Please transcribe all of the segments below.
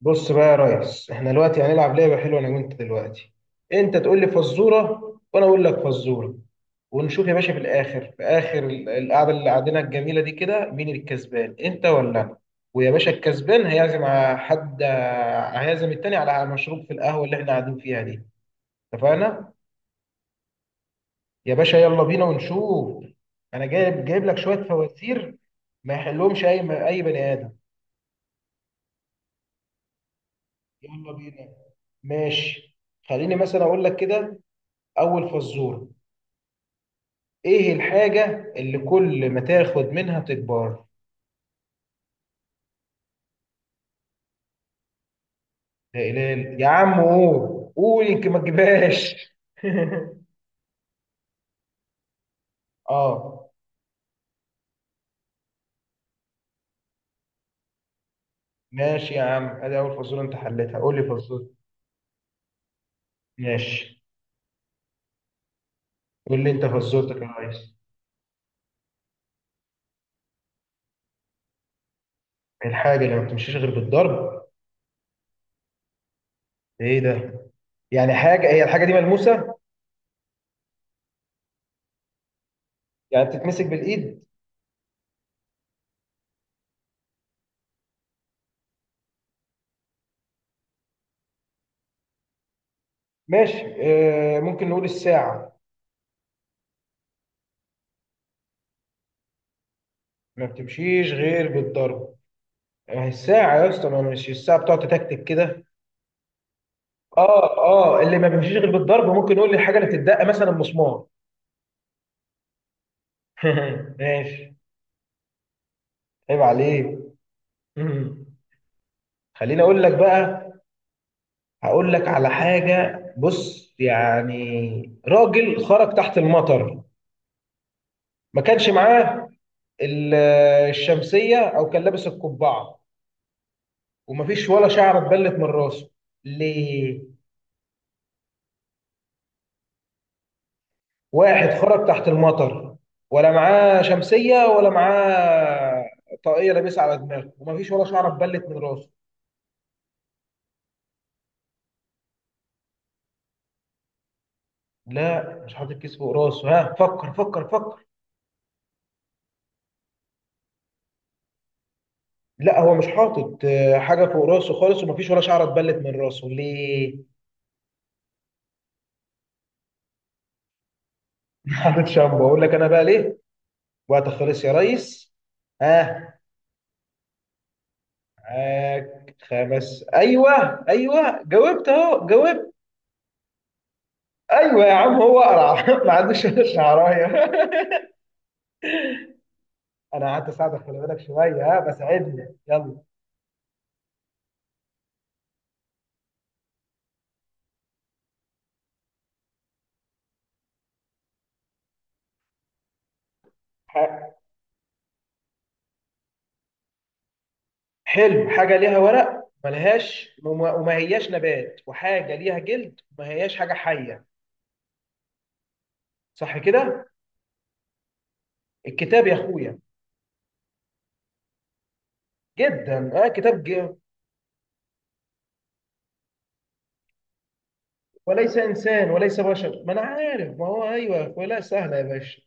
بص بقى يا ريس، احنا دلوقتي هنلعب لعبة حلوة انا وانت دلوقتي. انت تقول لي فزورة وانا اقول لك فزورة، ونشوف يا باشا في الاخر، في اخر القعدة اللي قعدنا الجميلة دي كده، مين الكسبان، انت ولا انا؟ ويا باشا، الكسبان هيعزم على حد، هيعزم التاني على مشروب في القهوة اللي احنا قاعدين فيها دي. اتفقنا؟ يا باشا يلا بينا ونشوف. انا جايب لك شوية فوازير ما يحلهمش اي بني ادم. يلا بينا. ماشي، خليني مثلا اقول لك كده. أول فزورة: إيه الحاجة اللي كل ما تاخد منها تكبر؟ لا إله إلا- يا عم قول قول، يمكن ما تجيبهاش. آه، ماشي يا عم، أدي أول فزورة أنت حلتها، قول لي فزورة. ماشي، قول لي أنت فزورتك يا ريس. الحاجة اللي ما بتمشيش غير بالضرب. إيه ده؟ يعني حاجة، هي الحاجة دي ملموسة؟ يعني بتتمسك بالإيد؟ ماشي. ممكن نقول الساعة. ما بتمشيش غير بالضرب. آه، الساعة يا اسطى، ما مش الساعة بتقعد تتكتك كده. اه اه، اللي ما بيمشيش غير بالضرب، ممكن يقول لي الحاجه اللي بتدق مثلا مسمار. ماشي. عيب عليك. مم. خليني اقول لك بقى. هقول لك على حاجه. بص يعني راجل خرج تحت المطر، ما كانش معاه ال- الشمسيه او كان لابس القبعه، ومفيش ولا شعره اتبلت من راسه. ليه؟ واحد خرج تحت المطر، ولا معاه شمسيه، ولا معاه طاقيه لابسها على دماغه، ومفيش ولا شعره اتبلت من راسه. لا، مش حاطط كيس فوق راسه. ها، فكر فكر فكر. لا، هو مش حاطط حاجه فوق راسه خالص، ومفيش ولا شعره اتبلت من راسه. ليه؟ حاطط شامبو؟ اقول لك انا بقى ليه. وقت خلص يا ريس. ها، معاك خمس. ايوه ايوه، جاوبت اهو، جاوبت. ايوه يا عم، هو قرع. ما عندوش ولا شعرايه. انا قعدت اساعدك، خلي بالك شويه. ها، بساعدني يلا. ح- حلو، حاجه ليها ورق ملهاش، وما هياش نبات، وحاجه ليها جلد وما هياش حاجه حيه. صح كده. الكتاب يا اخويا. جدا، اه، كتاب وليس انسان وليس بشر، ما انا عارف، ما هو ايوه يا اخويا، لا سهله يا باشا.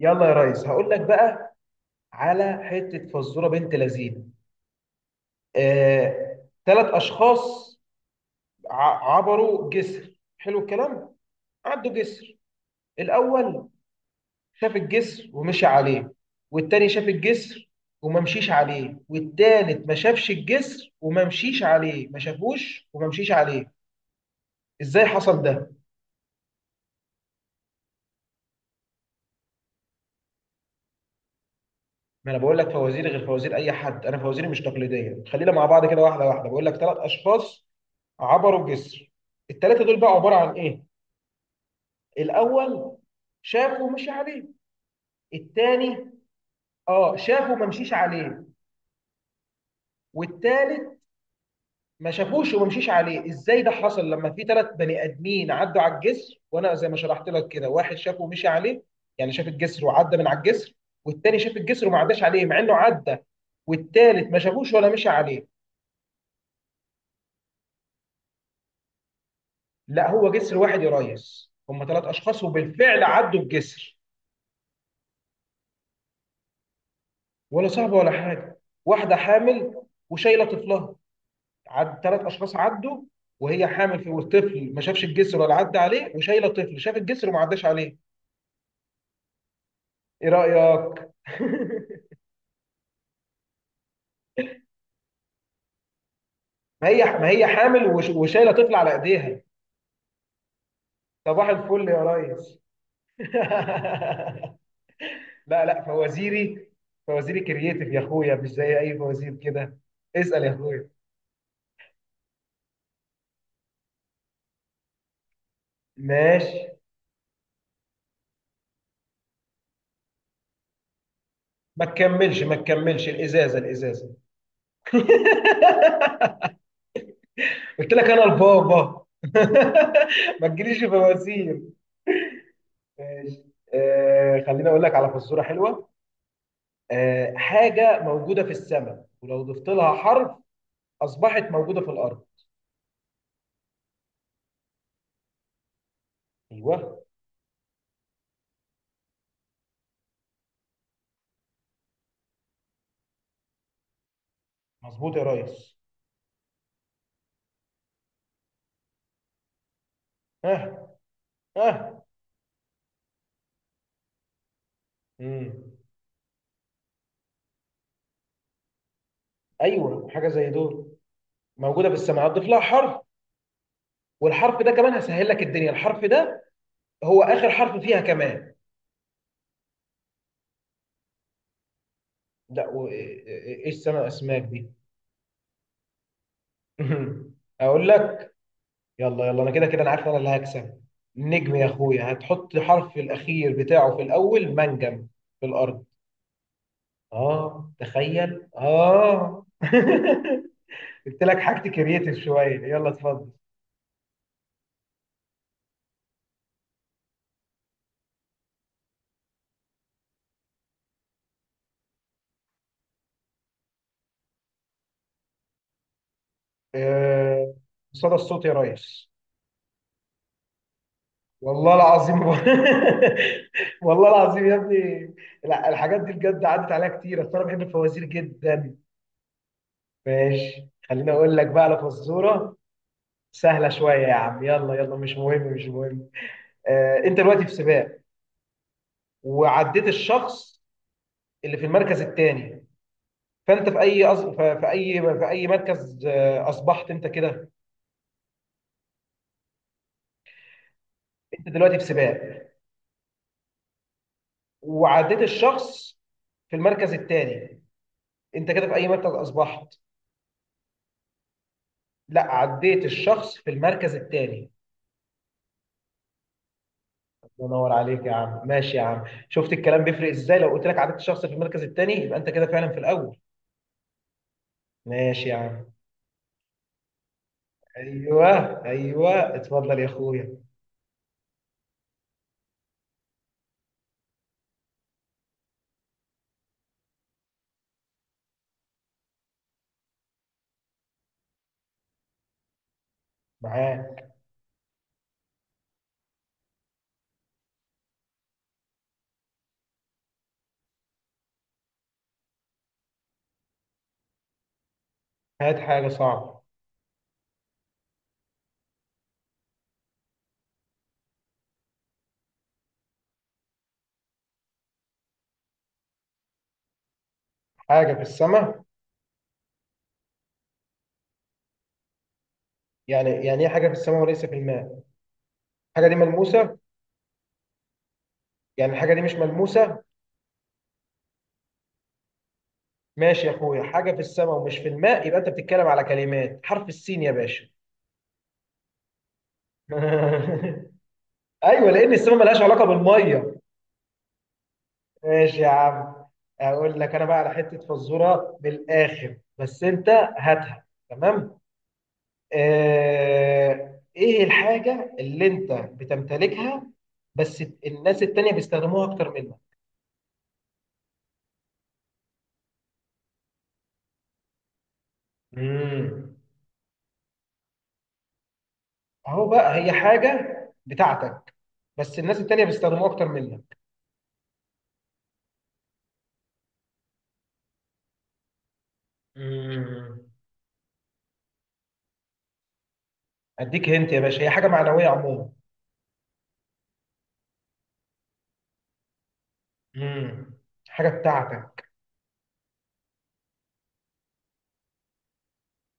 يلا يا ريس، هقول لك بقى على حته فزوره بنت لذينه. آه، ثلاث اشخاص عبروا جسر. حلو الكلام. عدوا جسر. الاول شاف الجسر ومشي عليه، والتاني شاف الجسر وما مشيش عليه، والتالت ما شافش الجسر وما مشيش عليه. ما شافوش وما مشيش عليه. ازاي حصل ده؟ ما انا بقول لك فوازير غير فوازير اي حد، انا فوازيري مش تقليديه. خلينا مع بعض كده، واحده واحده. بقول لك ثلاث اشخاص عبروا جسر، الثلاثه دول بقى عباره عن ايه. الاول شافه مشي عليه. الثاني، اه، شافه ما مشيش عليه. والثالث ما شافوش وما مشيش عليه. ازاي ده حصل، لما في ثلاث بني ادمين عدوا على الجسر؟ وانا زي ما شرحت لك كده، واحد شافه ومشي عليه، يعني شاف الجسر وعدى من على الجسر، والثاني شاف الجسر وما عداش عليه مع انه عدى، والثالث ما شافوش ولا مشي عليه. لا، هو جسر واحد يا ريس، هم ثلاث اشخاص وبالفعل عدوا الجسر. ولا صعبه ولا حاجه. واحده حامل وشايله طفلها، عد ثلاث اشخاص عدوا، وهي حامل في، والطفل ما شافش الجسر ولا عدى عليه، وشايله طفل شاف الجسر وما عداش عليه. ايه رايك؟ ما هي حامل وشايله طفل على ايديها. صباح الفل يا ريس. لا لا، فوازيري فوازيري كرييتيف يا اخويا، مش زي اي فوازير كده. اسال يا اخويا. ماشي. ما تكملش ما تكملش، الازازه الازازه. قلت لك انا البابا. ما تجيليش في مواسير. ماشي. خليني اقول لك على فزوره حلوه. حاجه موجوده في السماء، ولو ضفت لها حرف اصبحت موجوده في الارض. ايوه. مظبوط يا ريس. ها. ها. مم. ايوه، حاجه زي دول موجوده في السماء، هتضيف لها حرف، والحرف ده كمان هسهل لك الدنيا، الحرف ده هو اخر حرف فيها كمان. لا، ايه، إيه السماء اسماك دي؟ اقول لك. يلا يلا، انا كده كده انا عارف، انا اللي هكسب. نجم يا اخويا، هتحط حرف الاخير بتاعه في الاول، منجم في الارض. اه، تخيل، اه. قلت لك حاجتي كرييتيف شويه. يلا اتفضل. آه، صدى الصوت يا ريس. والله العظيم. والله العظيم يا ابني. لا، الحاجات دي بجد عدت عليها كتير، أصل انا بحب الفوازير جدا. ماشي، خليني اقول لك بقى على فزوره سهلة شوية يا عم. يلا يلا، مش مهم مش مهم. انت دلوقتي في سباق، وعديت الشخص اللي في المركز الثاني. فانت في اي أص... ف- في اي في اي مركز اصبحت انت كده؟ انت دلوقتي في سباق، وعديت الشخص في المركز الثاني، انت كده في اي مركز اصبحت؟ لا، عديت الشخص في المركز الثاني. الله ينور عليك يا عم، ماشي يا عم. شفت الكلام بيفرق ازاي؟ لو قلت لك عديت الشخص في المركز الثاني، يبقى انت كده فعلا في الاول. ماشي يا عم. ايوه ايوه، اتفضل يا اخويا. معاك. هات حاجه صعبه. حاجه في السماء. يعني ايه حاجه في السماء وليس في الماء؟ الحاجه دي ملموسه؟ يعني الحاجه دي مش ملموسه. ماشي يا اخويا، حاجه في السماء ومش في الماء، يبقى انت بتتكلم على كلمات حرف السين يا باشا. ايوه، لان السماء ملهاش علاقه بالميه. ماشي يا عم. اقول لك انا بقى على حته فزوره بالاخر، بس انت هاتها، تمام. ايه الحاجة اللي انت بتمتلكها، بس الناس التانية بيستخدموها اكتر منك؟ امم اهو بقى، هي حاجة بتاعتك بس الناس التانية بيستخدموها اكتر منك. امم اديك هنت يا باشا، هي حاجة معنوية عموما. امم حاجة بتاعتك.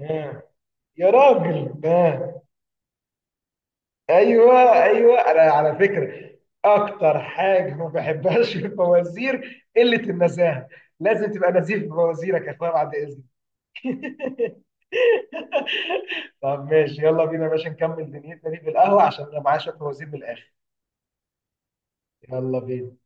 آه. يا راجل، آه. ايوه ايوه، انا على فكرة اكتر حاجة ما بحبهاش في الفوازير قلة النزاهة. لازم تبقى نزيف في فوازيرك يا اخويا، بعد اذنك. طب ماشي، يلا بينا يا باشا نكمل دنيتنا دي في القهوة، عشان انا معايا شوية فوازير من الآخر. يلا بينا.